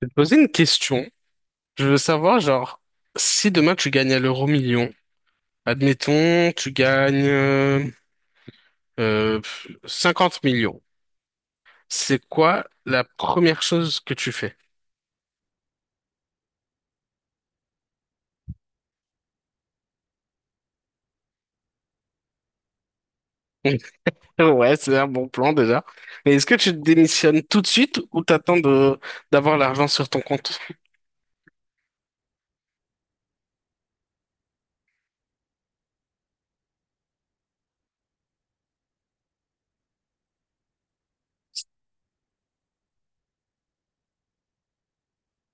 Je vais te poser une question. Je veux savoir, genre, si demain tu gagnes à l'euro million, admettons, tu gagnes 50 millions, c'est quoi la première chose que tu fais? Ouais, c'est un bon plan déjà. Mais est-ce que tu démissionnes tout de suite ou t'attends de d'avoir l'argent sur ton compte?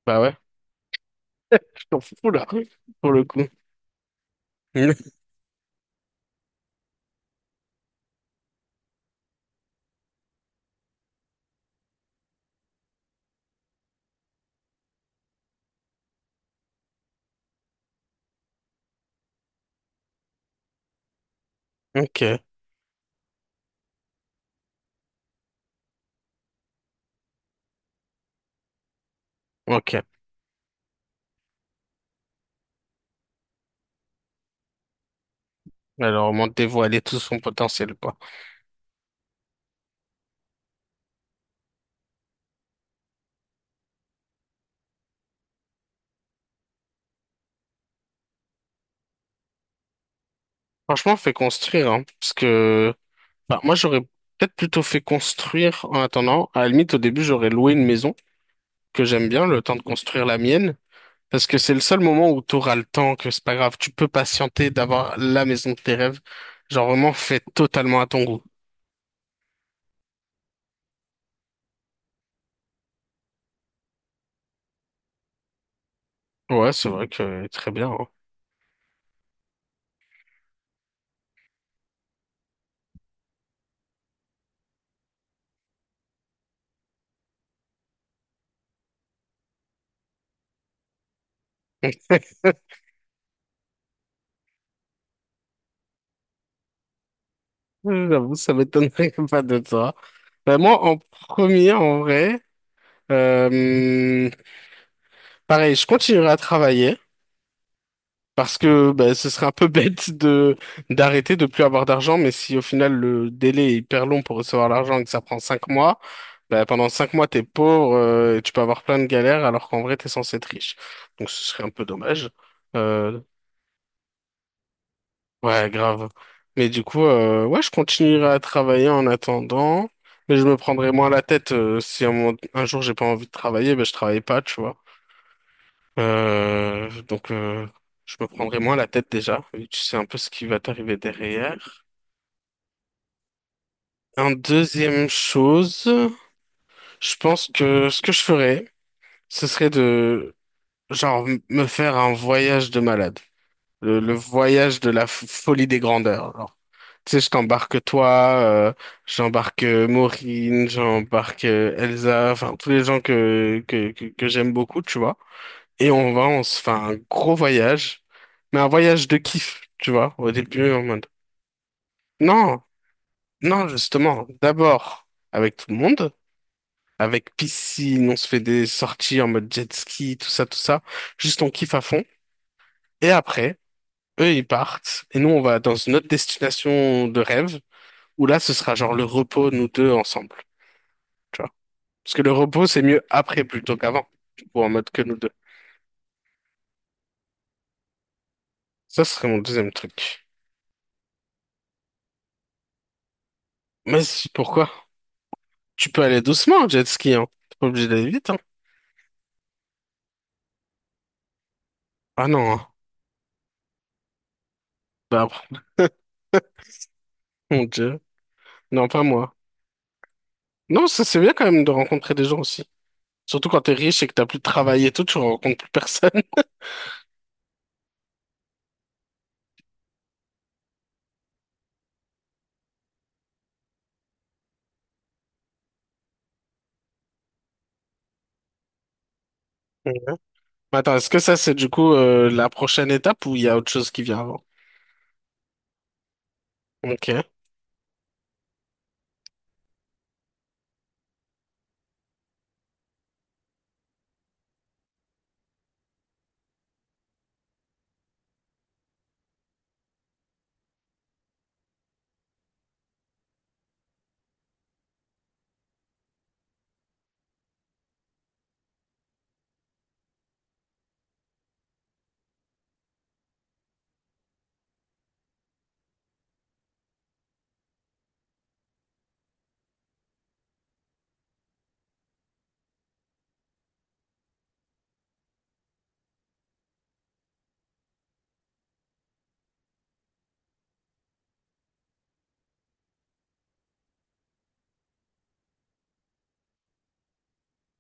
Bah ouais, je t'en fous là, pour le coup. Ok, ok. Alors, on m'a dévoilé tout son potentiel, quoi. Franchement, fait construire, hein, parce que bah, moi j'aurais peut-être plutôt fait construire en attendant. À la limite, au début, j'aurais loué une maison que j'aime bien, le temps de construire la mienne, parce que c'est le seul moment où tu auras le temps, que c'est pas grave, tu peux patienter d'avoir la maison de tes rêves. Genre vraiment fait totalement à ton goût. Ouais, c'est vrai que très bien, hein. J'avoue, ça m'étonnerait pas de toi. Bah, moi, en premier, en vrai, euh, pareil, je continuerai à travailler parce que bah, ce serait un peu bête de d'arrêter, de plus avoir d'argent. Mais si au final le délai est hyper long pour recevoir l'argent et que ça prend 5 mois, bah, pendant 5 mois t'es pauvre et tu peux avoir plein de galères alors qu'en vrai t'es censé être riche. Donc ce serait un peu dommage. Euh, Ouais, grave. Mais du coup, ouais, je continuerai à travailler en attendant, mais je me prendrai moins la tête si un jour j'ai pas envie de travailler, ben je travaille pas, tu vois. Euh, donc, euh, je me prendrai moins la tête déjà, vu que tu sais un peu ce qui va t'arriver derrière. En deuxième chose, je pense que ce que je ferais, ce serait de, genre, me faire un voyage de malade. Le voyage de la folie des grandeurs. Tu sais, je t'embarque toi, j'embarque Maureen, j'embarque Elsa, enfin tous les gens que j'aime beaucoup, tu vois. Et on va, on se fait un gros voyage, mais un voyage de kiff, tu vois, au début en mode. Non, non, justement, d'abord avec tout le monde, avec piscine, on se fait des sorties en mode jet ski, tout ça, tout ça. Juste on kiffe à fond. Et après, eux, ils partent, et nous, on va dans une autre destination de rêve, où là, ce sera genre le repos, nous deux, ensemble, tu vois. Parce que le repos, c'est mieux après plutôt qu'avant, du coup, en mode que nous deux. Ça ce serait mon deuxième truc. Pourquoi? Tu peux aller doucement en jet ski, hein. T'es pas obligé d'aller vite, hein. Ah non, hein. Bah, mon Dieu. Non, pas moi. Non, ça c'est bien quand même de rencontrer des gens aussi. Surtout quand t'es riche et que t'as plus de travail et tout, tu rencontres plus personne. Ok. Attends, est-ce que ça, c'est du coup la prochaine étape ou il y a autre chose qui vient avant? Ok.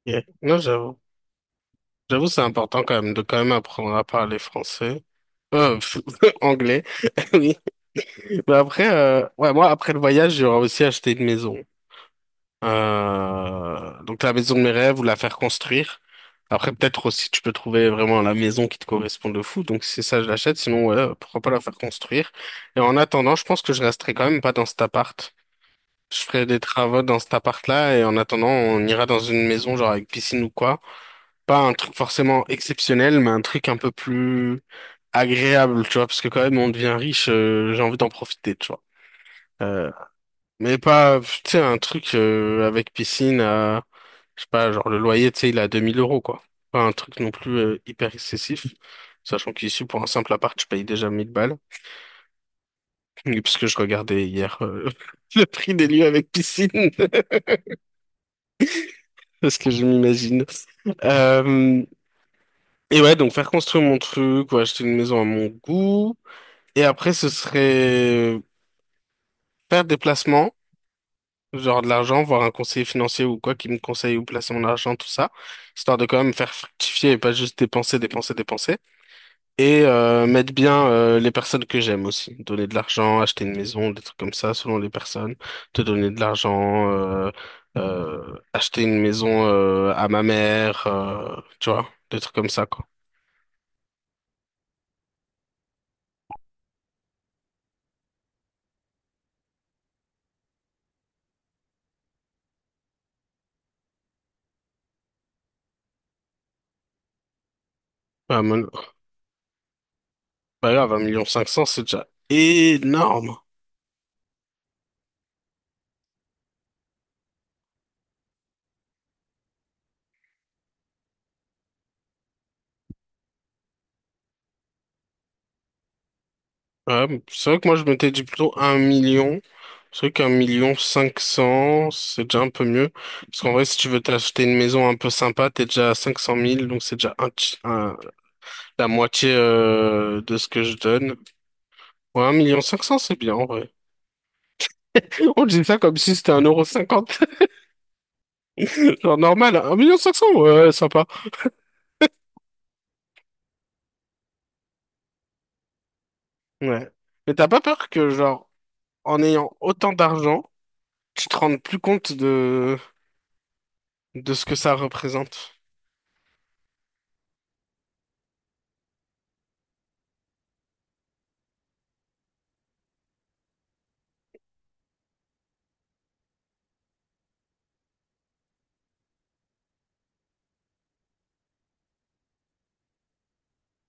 Ok. Non, j'avoue. J'avoue, c'est important quand même de quand même apprendre à parler français. Euh, pff, anglais. Oui. Mais après, ouais, moi, après le voyage, j'aurais aussi acheté une maison. Donc la maison de mes rêves ou la faire construire. Après, peut-être aussi, tu peux trouver vraiment la maison qui te correspond de fou. Donc, c'est ça, je l'achète. Sinon, ouais, pourquoi pas la faire construire. Et en attendant, je pense que je resterai quand même pas dans cet appart. Je ferai des travaux dans cet appart-là. Et en attendant, on ira dans une maison, genre avec piscine ou quoi. Pas un truc forcément exceptionnel, mais un truc un peu plus agréable, tu vois. Parce que quand même, on devient riche, j'ai envie d'en profiter, tu vois. Euh, mais pas, tu sais, un truc avec piscine à, je sais pas, genre le loyer, tu sais, il est à 2000 euros, quoi. Pas un truc non plus hyper excessif, sachant qu'ici, pour un simple appart, je paye déjà 1 000 balles. Et parce que je regardais hier le prix des lieux avec piscine, parce que je m'imagine. Euh, et ouais, donc faire construire mon truc ou acheter une maison à mon goût. Et après, ce serait faire des placements genre de l'argent, voir un conseiller financier ou quoi qui me conseille où placer mon argent, tout ça, histoire de quand même faire fructifier et pas juste dépenser, dépenser, dépenser. Et mettre bien les personnes que j'aime aussi. Donner de l'argent, acheter une maison, des trucs comme ça, selon les personnes. Te donner de l'argent, acheter une maison à ma mère, tu vois, des trucs comme ça, quoi. Bah, mon- bah, grave, 1 500 000, c'est déjà énorme. Ouais, c'est vrai que moi je m'étais dit plutôt un million. C'est vrai qu'un million cinq cents, c'est déjà un peu mieux. Parce qu'en vrai, si tu veux t'acheter une maison un peu sympa, t'es déjà à 500 000 donc c'est déjà la moitié de ce que je donne. Ouais, un million cinq cents, c'est bien en vrai. Et on dit ça comme si c'était un euro cinquante, genre normal. Un million cinq cents, ouais, sympa. Ouais. Mais t'as pas peur que, genre, en ayant autant d'argent, tu te rendes plus compte de ce que ça représente?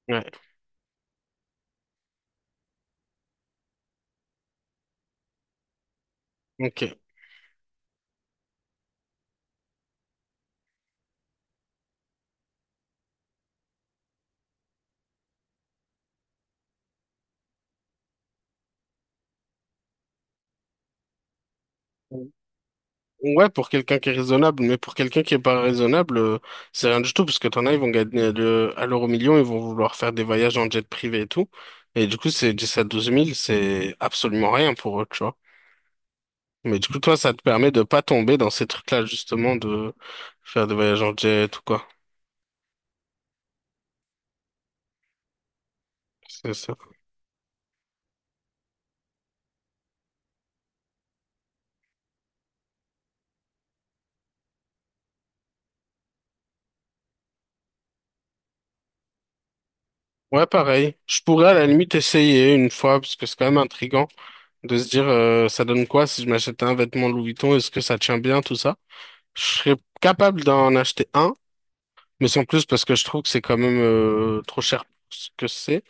Ouais. Ok. Ouais, pour quelqu'un qui est raisonnable, mais pour quelqu'un qui est pas raisonnable, c'est rien du tout, parce que t'en as, ils vont gagner à l'euro million, ils vont vouloir faire des voyages en jet privé et tout. Et du coup, c'est 10 à 12 000, c'est absolument rien pour eux, tu vois. Mais du coup, toi, ça te permet de pas tomber dans ces trucs-là, justement, de faire des voyages en jet ou quoi. C'est ça. Ouais, pareil. Je pourrais à la limite essayer une fois, parce que c'est quand même intriguant de se dire, ça donne quoi si je m'achète un vêtement Louis Vuitton, est-ce que ça tient bien, tout ça? Je serais capable d'en acheter un. Mais sans plus, parce que je trouve que c'est quand même trop cher pour ce que c'est.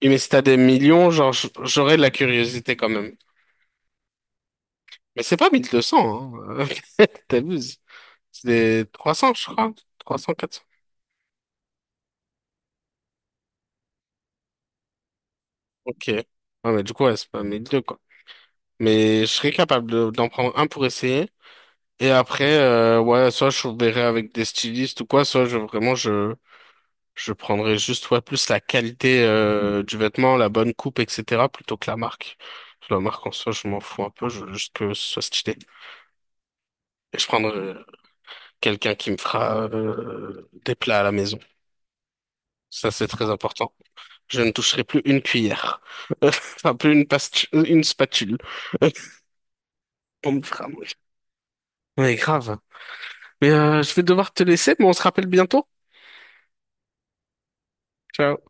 Et mais si t'as des millions, genre, j'aurais de la curiosité quand même. Mais c'est pas 1200, hein. T'abuses. C'est des 300, je crois. 300, 400. Ok. Ouais, mais du coup, ouais, c'est pas 1200, quoi. Mais je serais capable d'en prendre un pour essayer. Et après, ouais, soit je verrai avec des stylistes ou quoi, soit je prendrais juste ouais, plus la qualité du vêtement, la bonne coupe, etc. plutôt que la marque. La marque en soi, je m'en fous un peu, je veux juste que ce soit stylé. Et je prendrais quelqu'un qui me fera des plats à la maison. Ça, c'est très important. Je ne toucherai plus une cuillère. Enfin, plus une, une spatule. On me fera manger. Mais grave. Mais je vais devoir te laisser, mais on se rappelle bientôt. Ciao.